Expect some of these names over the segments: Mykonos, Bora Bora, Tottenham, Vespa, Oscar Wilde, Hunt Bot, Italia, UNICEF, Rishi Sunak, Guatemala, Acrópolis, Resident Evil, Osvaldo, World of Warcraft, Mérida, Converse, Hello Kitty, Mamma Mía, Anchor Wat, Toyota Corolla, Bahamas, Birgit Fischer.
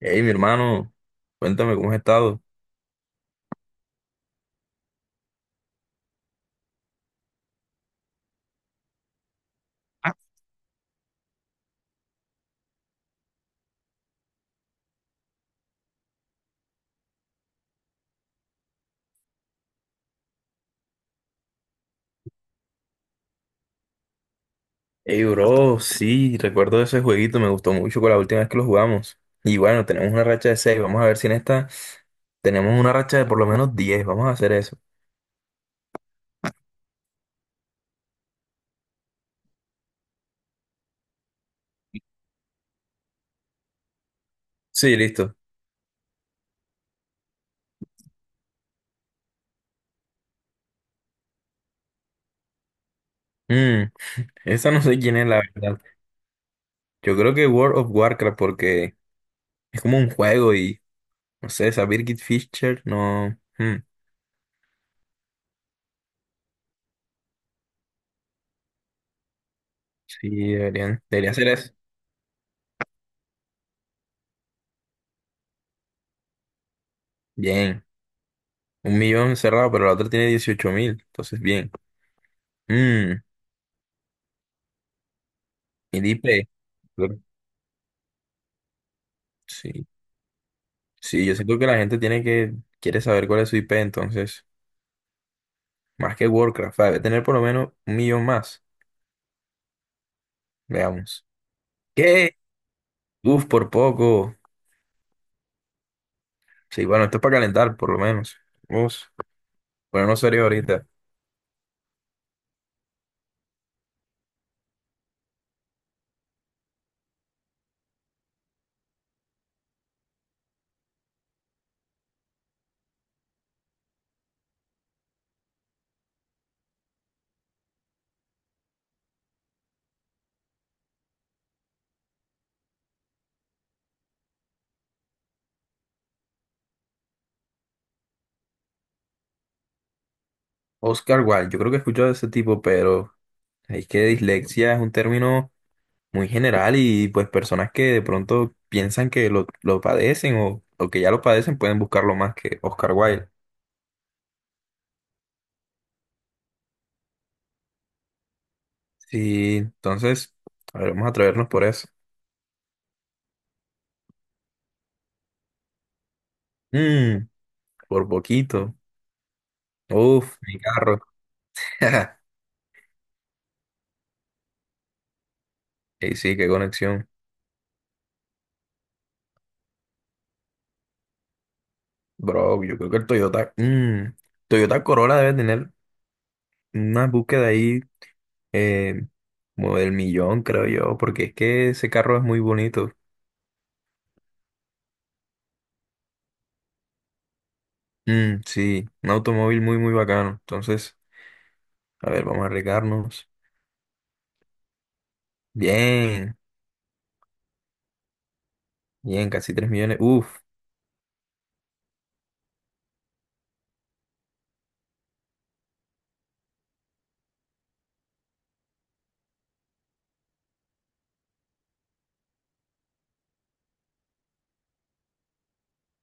Hey, mi hermano, cuéntame cómo has estado. Hey, bro, sí, recuerdo ese jueguito, me gustó mucho con la última vez que lo jugamos. Y bueno, tenemos una racha de 6, vamos a ver si en esta tenemos una racha de por lo menos 10, vamos a hacer eso. Sí, listo. Mm, Esa no sé quién es la verdad. Yo creo que World of Warcraft porque es como un juego y, no sé, esa Birgit Fischer, no... mm, sí, debería ser eso. Bien, 1 millón cerrado, pero la otra tiene 18.000, entonces bien. Mm, y Dipe. Sí, sí, yo siento que la gente tiene que, quiere saber cuál es su IP, entonces, más que Warcraft, va debe tener por lo menos 1 millón más, veamos. ¿Qué? Uf, por poco. Sí, bueno, esto es para calentar, por lo menos. Uf, bueno, no sería ahorita. Oscar Wilde, yo creo que he escuchado de ese tipo, pero es que dislexia es un término muy general y pues personas que de pronto piensan que lo padecen o que ya lo padecen pueden buscarlo más que Oscar Wilde. Sí, entonces, a ver, vamos a atrevernos por eso. Mm, Por poquito. Uf, mi carro. Y sí, qué conexión. Bro, yo creo que el Toyota, Toyota Corolla debe tener una búsqueda ahí eh, como del millón, creo yo, porque es que ese carro es muy bonito. Mm, sí, un automóvil muy, muy bacano. Entonces, a ver, vamos a arriesgarnos. Bien, bien, casi 3 millones. Uf.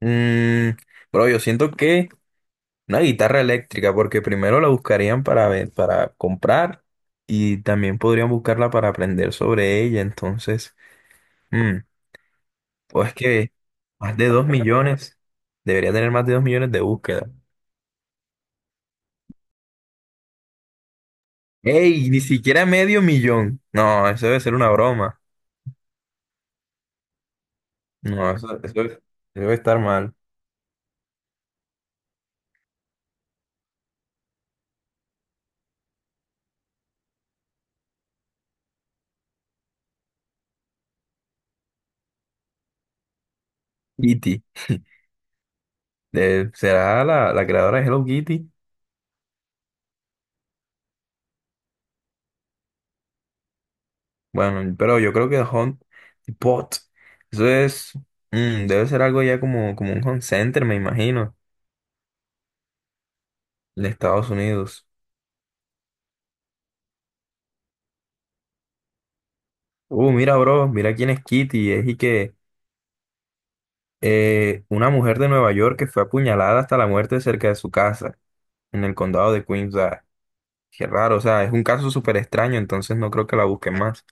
Mm, Bro, yo siento que una guitarra eléctrica, porque primero la buscarían para comprar y también podrían buscarla para aprender sobre ella. Entonces, mm, pues que más de 2 millones, debería tener más de 2 millones de búsquedas. ¡Ey! Ni siquiera medio millón. No, eso debe ser una broma. No, eso debe estar mal. Kitty, ¿será la creadora de Hello Kitty? Bueno, pero yo creo que Hunt Bot, eso es, debe ser algo ya como un home center, me imagino. De Estados Unidos. Mira, bro, mira quién es Kitty. Es y que una mujer de Nueva York que fue apuñalada hasta la muerte cerca de su casa, en el condado de Queens. O sea, qué raro, o sea, es un caso súper extraño, entonces no creo que la busquen más.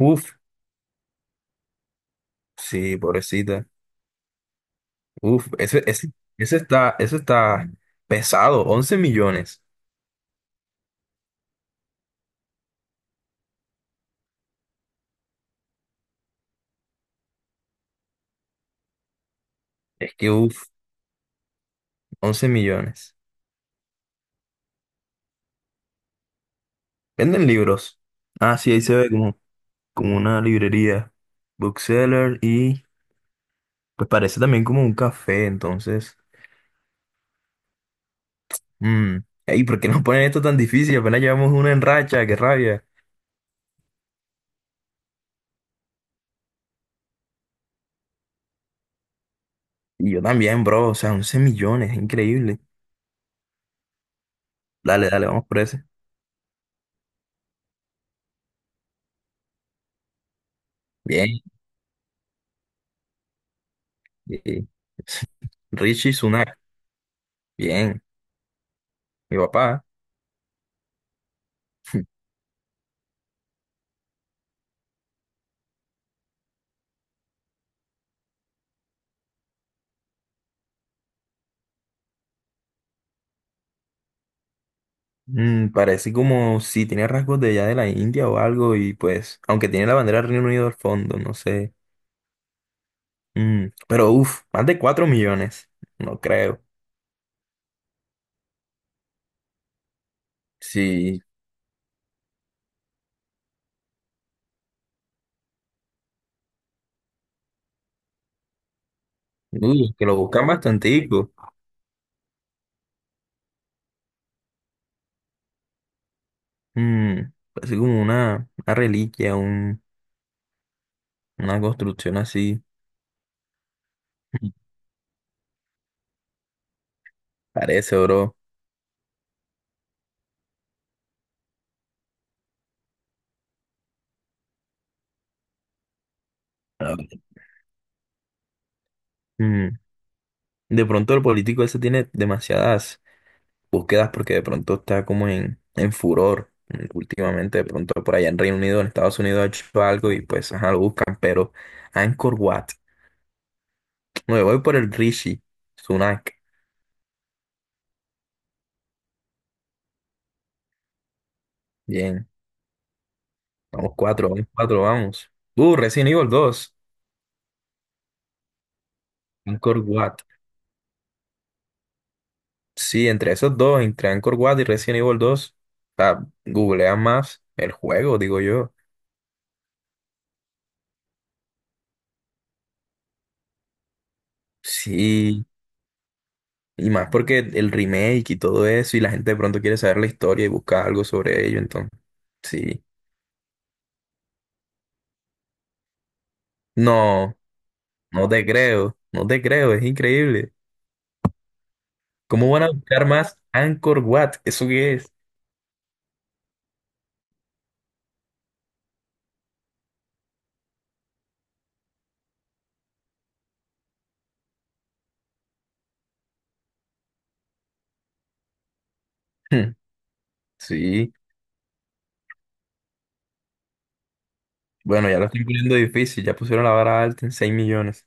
Uf, sí, pobrecita. Uf, ese, ese está pesado, 11 millones. Es que, uf, 11 millones. Venden libros. Ah, sí, ahí se ve como una librería. Bookseller y pues parece también como un café, entonces. mm, Ey, ¿por qué nos ponen esto tan difícil? Apenas llevamos una en racha, qué rabia. Y yo también, bro, o sea, 11 millones, increíble. Dale, dale, vamos por ese. Bien. eh, Richie Sunak, bien. Mi papá. Parece como si tiene rasgos de allá de la India o algo, y pues, aunque tiene la bandera del Reino Unido al fondo, no sé. Pero uff, más de 4 millones, no creo. Sí, uy, que lo buscan bastante. Mm, Así como una reliquia, una construcción así. Mm. Parece, bro. Ah, ok. Mm, De pronto el político ese tiene demasiadas búsquedas porque de pronto está como en furor. Últimamente, de pronto por allá en Reino Unido, en Estados Unidos ha hecho algo y pues ajá, lo buscan. Pero Anchor Wat. Me voy por el Rishi. Sunak. Bien. Vamos cuatro, vamos cuatro, vamos. Resident Evil dos. Anchor Wat. Sí, entre esos dos, entre Anchor Wat y Resident Evil dos, ah, googlean más el juego, digo yo. Sí, y más porque el remake y todo eso, y la gente de pronto quiere saber la historia y busca algo sobre ello, entonces, sí. No, no te creo, no te creo, es increíble. ¿Cómo van a buscar más Anchor Wat? ¿Eso qué es? Hmm, sí, bueno, ya lo estoy poniendo difícil, ya pusieron la vara alta en 6 millones.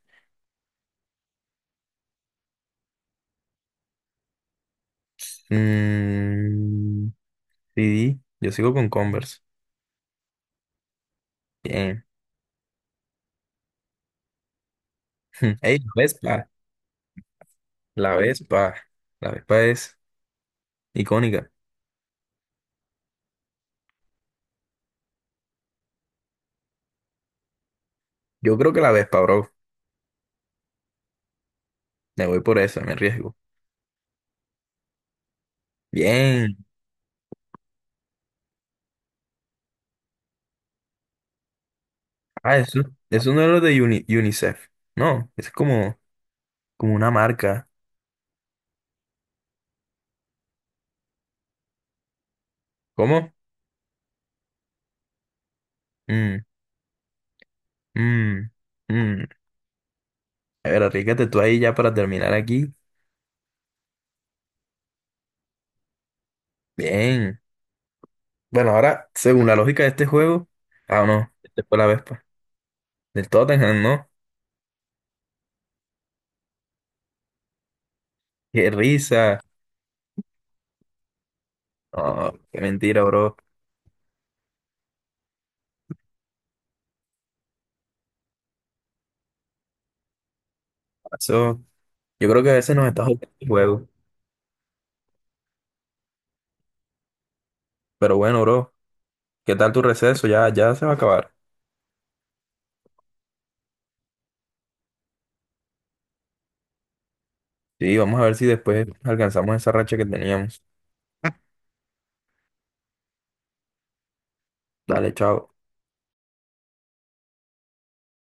Mm, sí, yo sigo con Converse. Ey, la Vespa, la Vespa, la Vespa es icónica. Yo creo que la Vespa, bro. Me voy por esa, me arriesgo. Bien. Ah, eso no es lo de UNICEF. No, es como una marca. ¿Cómo? Mm, mm, mm. A ver, arriesgate tú ahí ya para terminar aquí. Bien. Bueno, ahora, según la lógica de este juego, ah, no, este fue la Vespa. Del Tottenham, ¿no? Qué risa. Oh, qué mentira, bro. Pasó. Yo creo que a veces nos está jugando el juego. Pero bueno, bro, ¿qué tal tu receso? Ya, ya se va a acabar. Sí, vamos a ver si después alcanzamos esa racha que teníamos. Dale, chao.